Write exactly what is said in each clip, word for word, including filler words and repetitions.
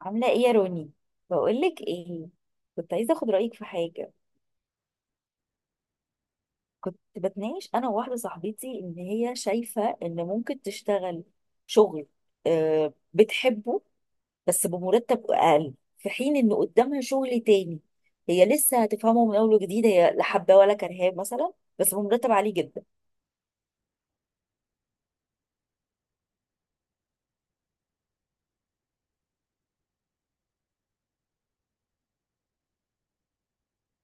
عاملة ايه يا روني؟ بقولك ايه. كنت عايزة اخد رأيك في حاجة. كنت بتناقش انا وواحدة صاحبتي ان هي شايفة ان ممكن تشتغل شغل، آه، بتحبه، بس بمرتب اقل في حين ان قدامها شغل تاني. هي لسه هتفهمه من اول وجديد، هي لا حباه ولا كرهاه مثلا، بس بمرتب عالي جدا.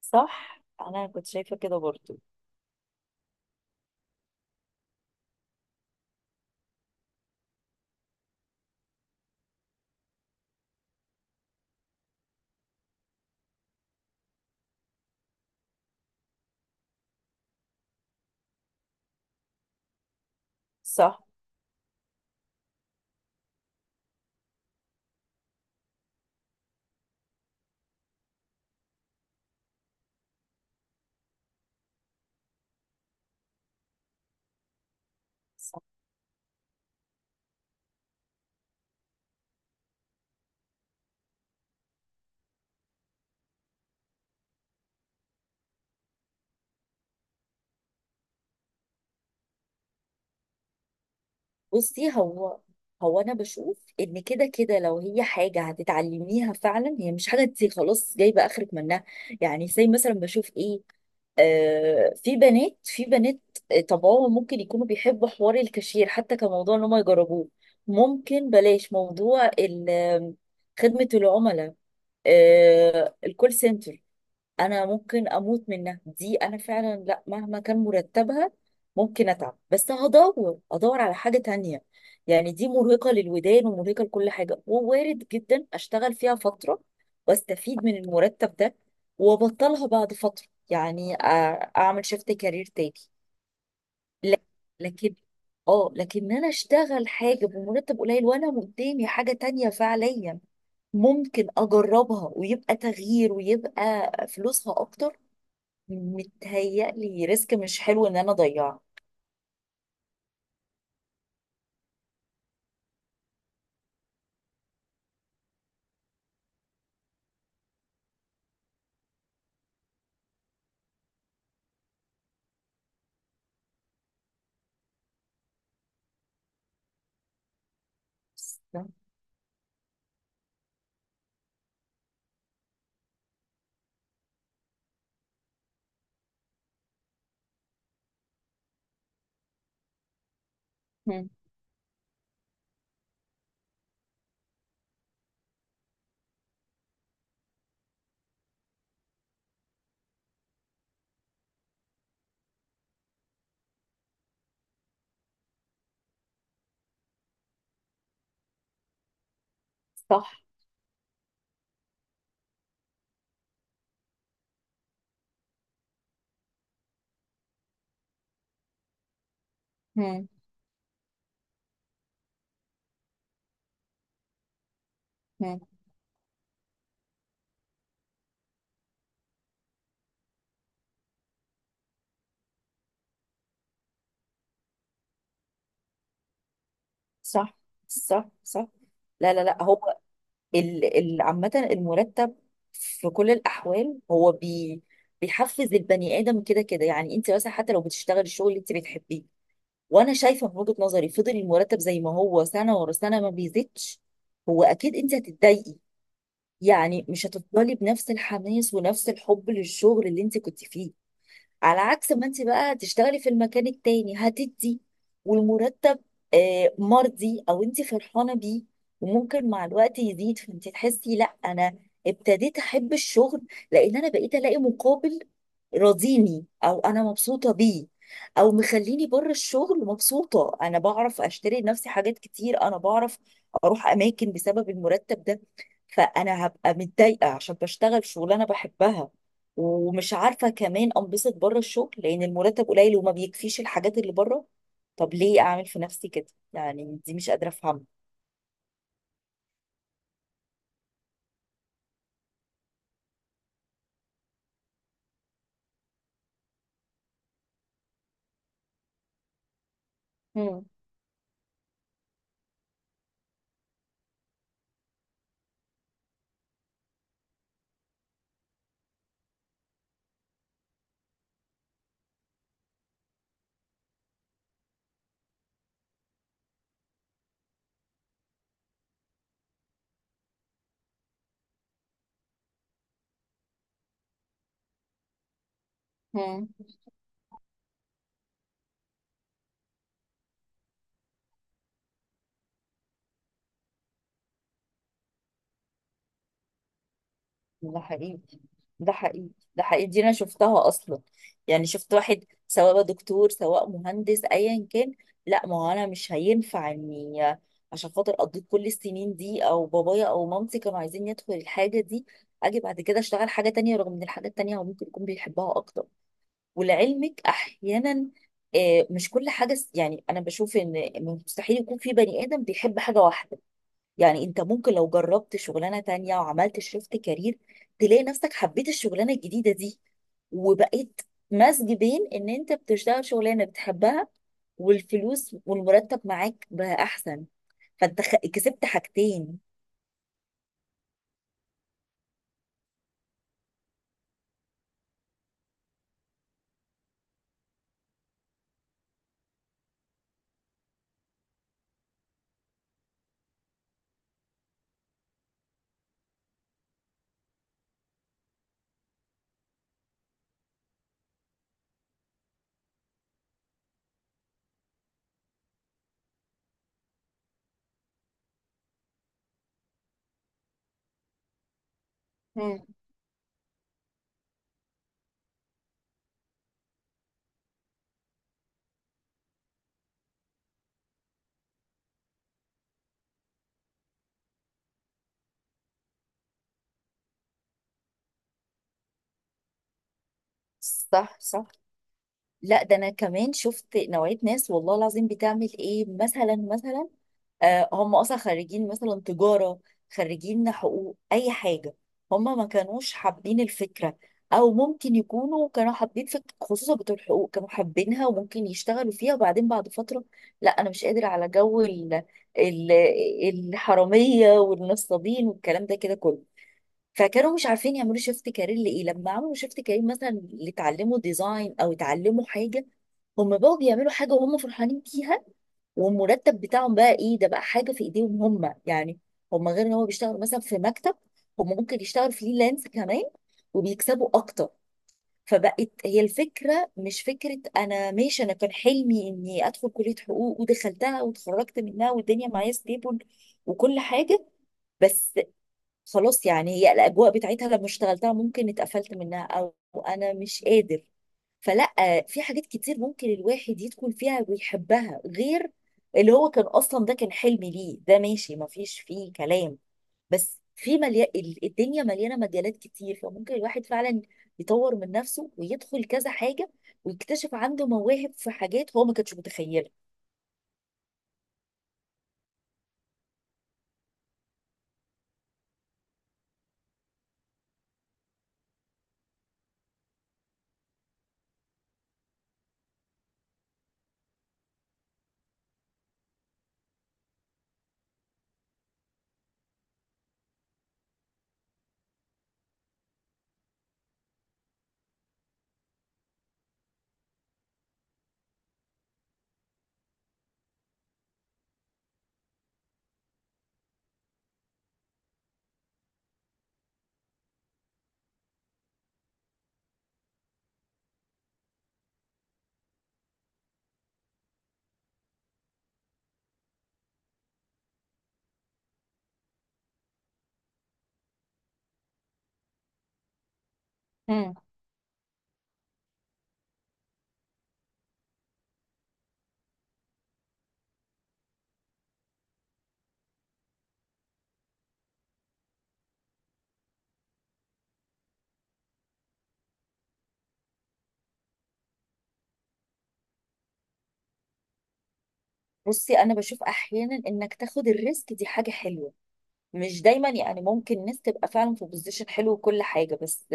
صح؟ انا كنت شايفة كده برضو. صح. بصي، هو هو انا بشوف ان كده كده لو هي حاجه هتتعلميها فعلا، هي مش حاجه انت خلاص جايبه اخرك منها. يعني زي مثلا بشوف ايه. آه، في بنات في بنات، آه، طبعهم ممكن يكونوا بيحبوا حوار الكاشير حتى كموضوع ان هم يجربوه. ممكن بلاش موضوع ال- خدمه العملاء. آه، الكول سنتر. انا ممكن اموت منها دي، انا فعلا لا مهما كان مرتبها. ممكن اتعب بس هدور ادور على حاجة تانية. يعني دي مرهقة للودان ومرهقة لكل حاجة، ووارد جدا اشتغل فيها فترة، واستفيد من المرتب ده، وابطلها بعد فترة. يعني أ- اعمل شيفت كارير تاني. لا- لكن. اه، لكن انا اشتغل حاجة بمرتب قليل وانا قدامي حاجة تانية فعليا ممكن اجربها ويبقى تغيير ويبقى فلوسها اكتر. متهيألي ريسك مش حلو ان انا اضيعه. مم. صح. مم. مم. صح، صح، صح. لا، لا، لا. هو ال ال عامة المرتب في كل الأحوال، هو بي بيحفز البني آدم كده كده. يعني أنت مثلا حتى لو بتشتغل الشغل اللي أنت بتحبيه، وأنا شايفة من وجهة نظري فضل المرتب زي ما هو سنة ورا سنة ما بيزيدش، هو أكيد أنت هتتضايقي. يعني مش هتفضلي بنفس الحماس ونفس الحب للشغل اللي أنت كنت فيه. على عكس ما انت بقى تشتغلي في المكان التاني هتدي، والمرتب، آه، مرضي او انت فرحانه بيه، وممكن مع الوقت يزيد. فانت تحسي لا، انا ابتديت احب الشغل لان انا بقيت الاقي مقابل راضيني، او انا مبسوطه بيه، او مخليني بره الشغل مبسوطه. انا بعرف اشتري لنفسي حاجات كتير، انا بعرف اروح اماكن بسبب المرتب ده. فانا هبقى متضايقه عشان بشتغل شغلانه بحبها ومش عارفة كمان أنبسط بره الشغل لأن المرتب قليل وما بيكفيش الحاجات اللي بره. طب ليه أعمل في نفسي كده؟ يعني دي مش قادرة أفهمها. مم. مم. ده حقيقي، ده حقيقي، ده حقيقي، دي أنا شفتها أصلا. يعني شفت واحد سواء بقى دكتور سواء مهندس أيا كان، لا ما هو أنا مش هينفع إني عشان خاطر قضيت كل السنين دي أو بابايا أو مامتي كانوا عايزين يدخل الحاجة دي أجي بعد كده أشتغل حاجة تانية، رغم إن الحاجة التانية هو ممكن يكون بيحبها أكتر. ولعلمك احيانا، آه، مش كل حاجه. س- يعني انا بشوف ان مستحيل يكون في بني ادم بيحب حاجه واحده. يعني انت ممكن لو جربت شغلانه تانية وعملت شيفت كارير تلاقي نفسك حبيت الشغلانه الجديده دي، وبقيت مزج بين ان انت بتشتغل شغلانه بتحبها والفلوس والمرتب معاك بقى احسن. فانت خ- كسبت حاجتين. مم. صح، صح. لا، ده انا كمان شفت نوعية ناس والله العظيم بتعمل ايه، مثلا، مثلا آه، هم اصلا خريجين مثلا تجارة، خريجين حقوق اي حاجة. هم ما كانوش حابين الفكرة. او ممكن يكونوا كانوا حابين فكرة، خصوصا بتوع الحقوق كانوا حابينها وممكن يشتغلوا فيها، وبعدين بعد فترة لا انا مش قادر على جو ال- ال- الحرامية والنصابين والكلام ده كده كله. فكانوا مش عارفين يعملوا شيفت كارير. لايه لما عملوا شيفت كارير مثلا اللي اتعلموا ديزاين او اتعلموا حاجه، هم بقوا بيعملوا حاجه وهم فرحانين بيها، والمرتب بتاعهم بقى ايه، ده بقى حاجه في ايديهم هم. يعني هم، غير ان هو بيشتغل مثلا في مكتب، هم ممكن يشتغل فريلانس كمان وبيكسبوا اكتر. فبقت هي الفكره مش فكره انا ماشي، انا كان حلمي اني ادخل كليه حقوق ودخلتها واتخرجت منها والدنيا معايا ستيبل وكل حاجه، بس خلاص يعني هي الاجواء بتاعتها لما اشتغلتها ممكن اتقفلت منها، او انا مش قادر. فلا، في حاجات كتير ممكن الواحد يدخل فيها ويحبها غير اللي هو كان اصلا. ده كان حلم ليه، ده ماشي ما فيش فيه كلام، بس في مليا... ال- الدنيا مليانه مجالات كتير، فممكن الواحد فعلا يطور من نفسه ويدخل كذا حاجه ويكتشف عنده مواهب في حاجات هو ما كانش متخيلها. مم. بصي، انا بشوف احيانا انك تاخد الريسك دي حاجه حلوه. مش دايما يعني، ممكن الناس تبقى فعلا في بوزيشن حلو وكل حاجة. بس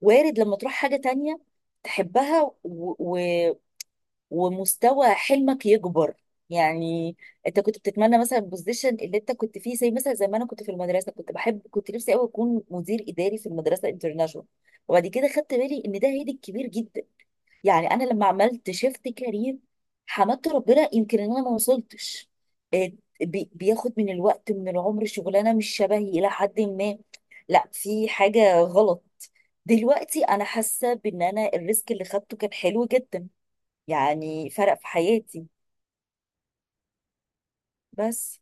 وارد لما تروح حاجة تانية تحبها و... و... ومستوى حلمك يكبر. يعني انت كنت بتتمنى مثلا البوزيشن اللي انت كنت فيه، زي مثلا زي ما انا كنت في المدرسة كنت بحب، كنت نفسي قوي اكون مدير اداري في المدرسة انترناشونال. وبعد كده خدت بالي ان ده هيدي كبير جدا. يعني انا لما عملت شيفت كارير حمدت ربنا يمكن ان انا ما وصلتش. إيه، بي- بياخد من الوقت من العمر شغلانه مش شبهي الى حد ما. لا في حاجه غلط. دلوقتي انا حاسه بان انا الريسك اللي خدته كان حلو جدا. يعني فرق في حياتي. بس.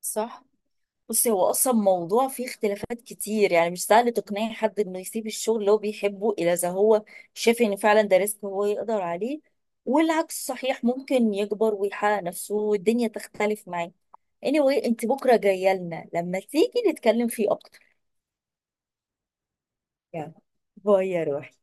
صح. بصي هو اصلا موضوع فيه اختلافات كتير، يعني مش سهل تقنعي حد انه يسيب الشغل اللي هو بيحبه الا اذا هو شايف ان فعلا ده ريسك هو يقدر عليه. والعكس صحيح، ممكن يكبر ويحقق نفسه والدنيا تختلف معاه. anyway، انت بكره جايه لنا لما تيجي نتكلم فيه اكتر. يلا، باي يا روحي.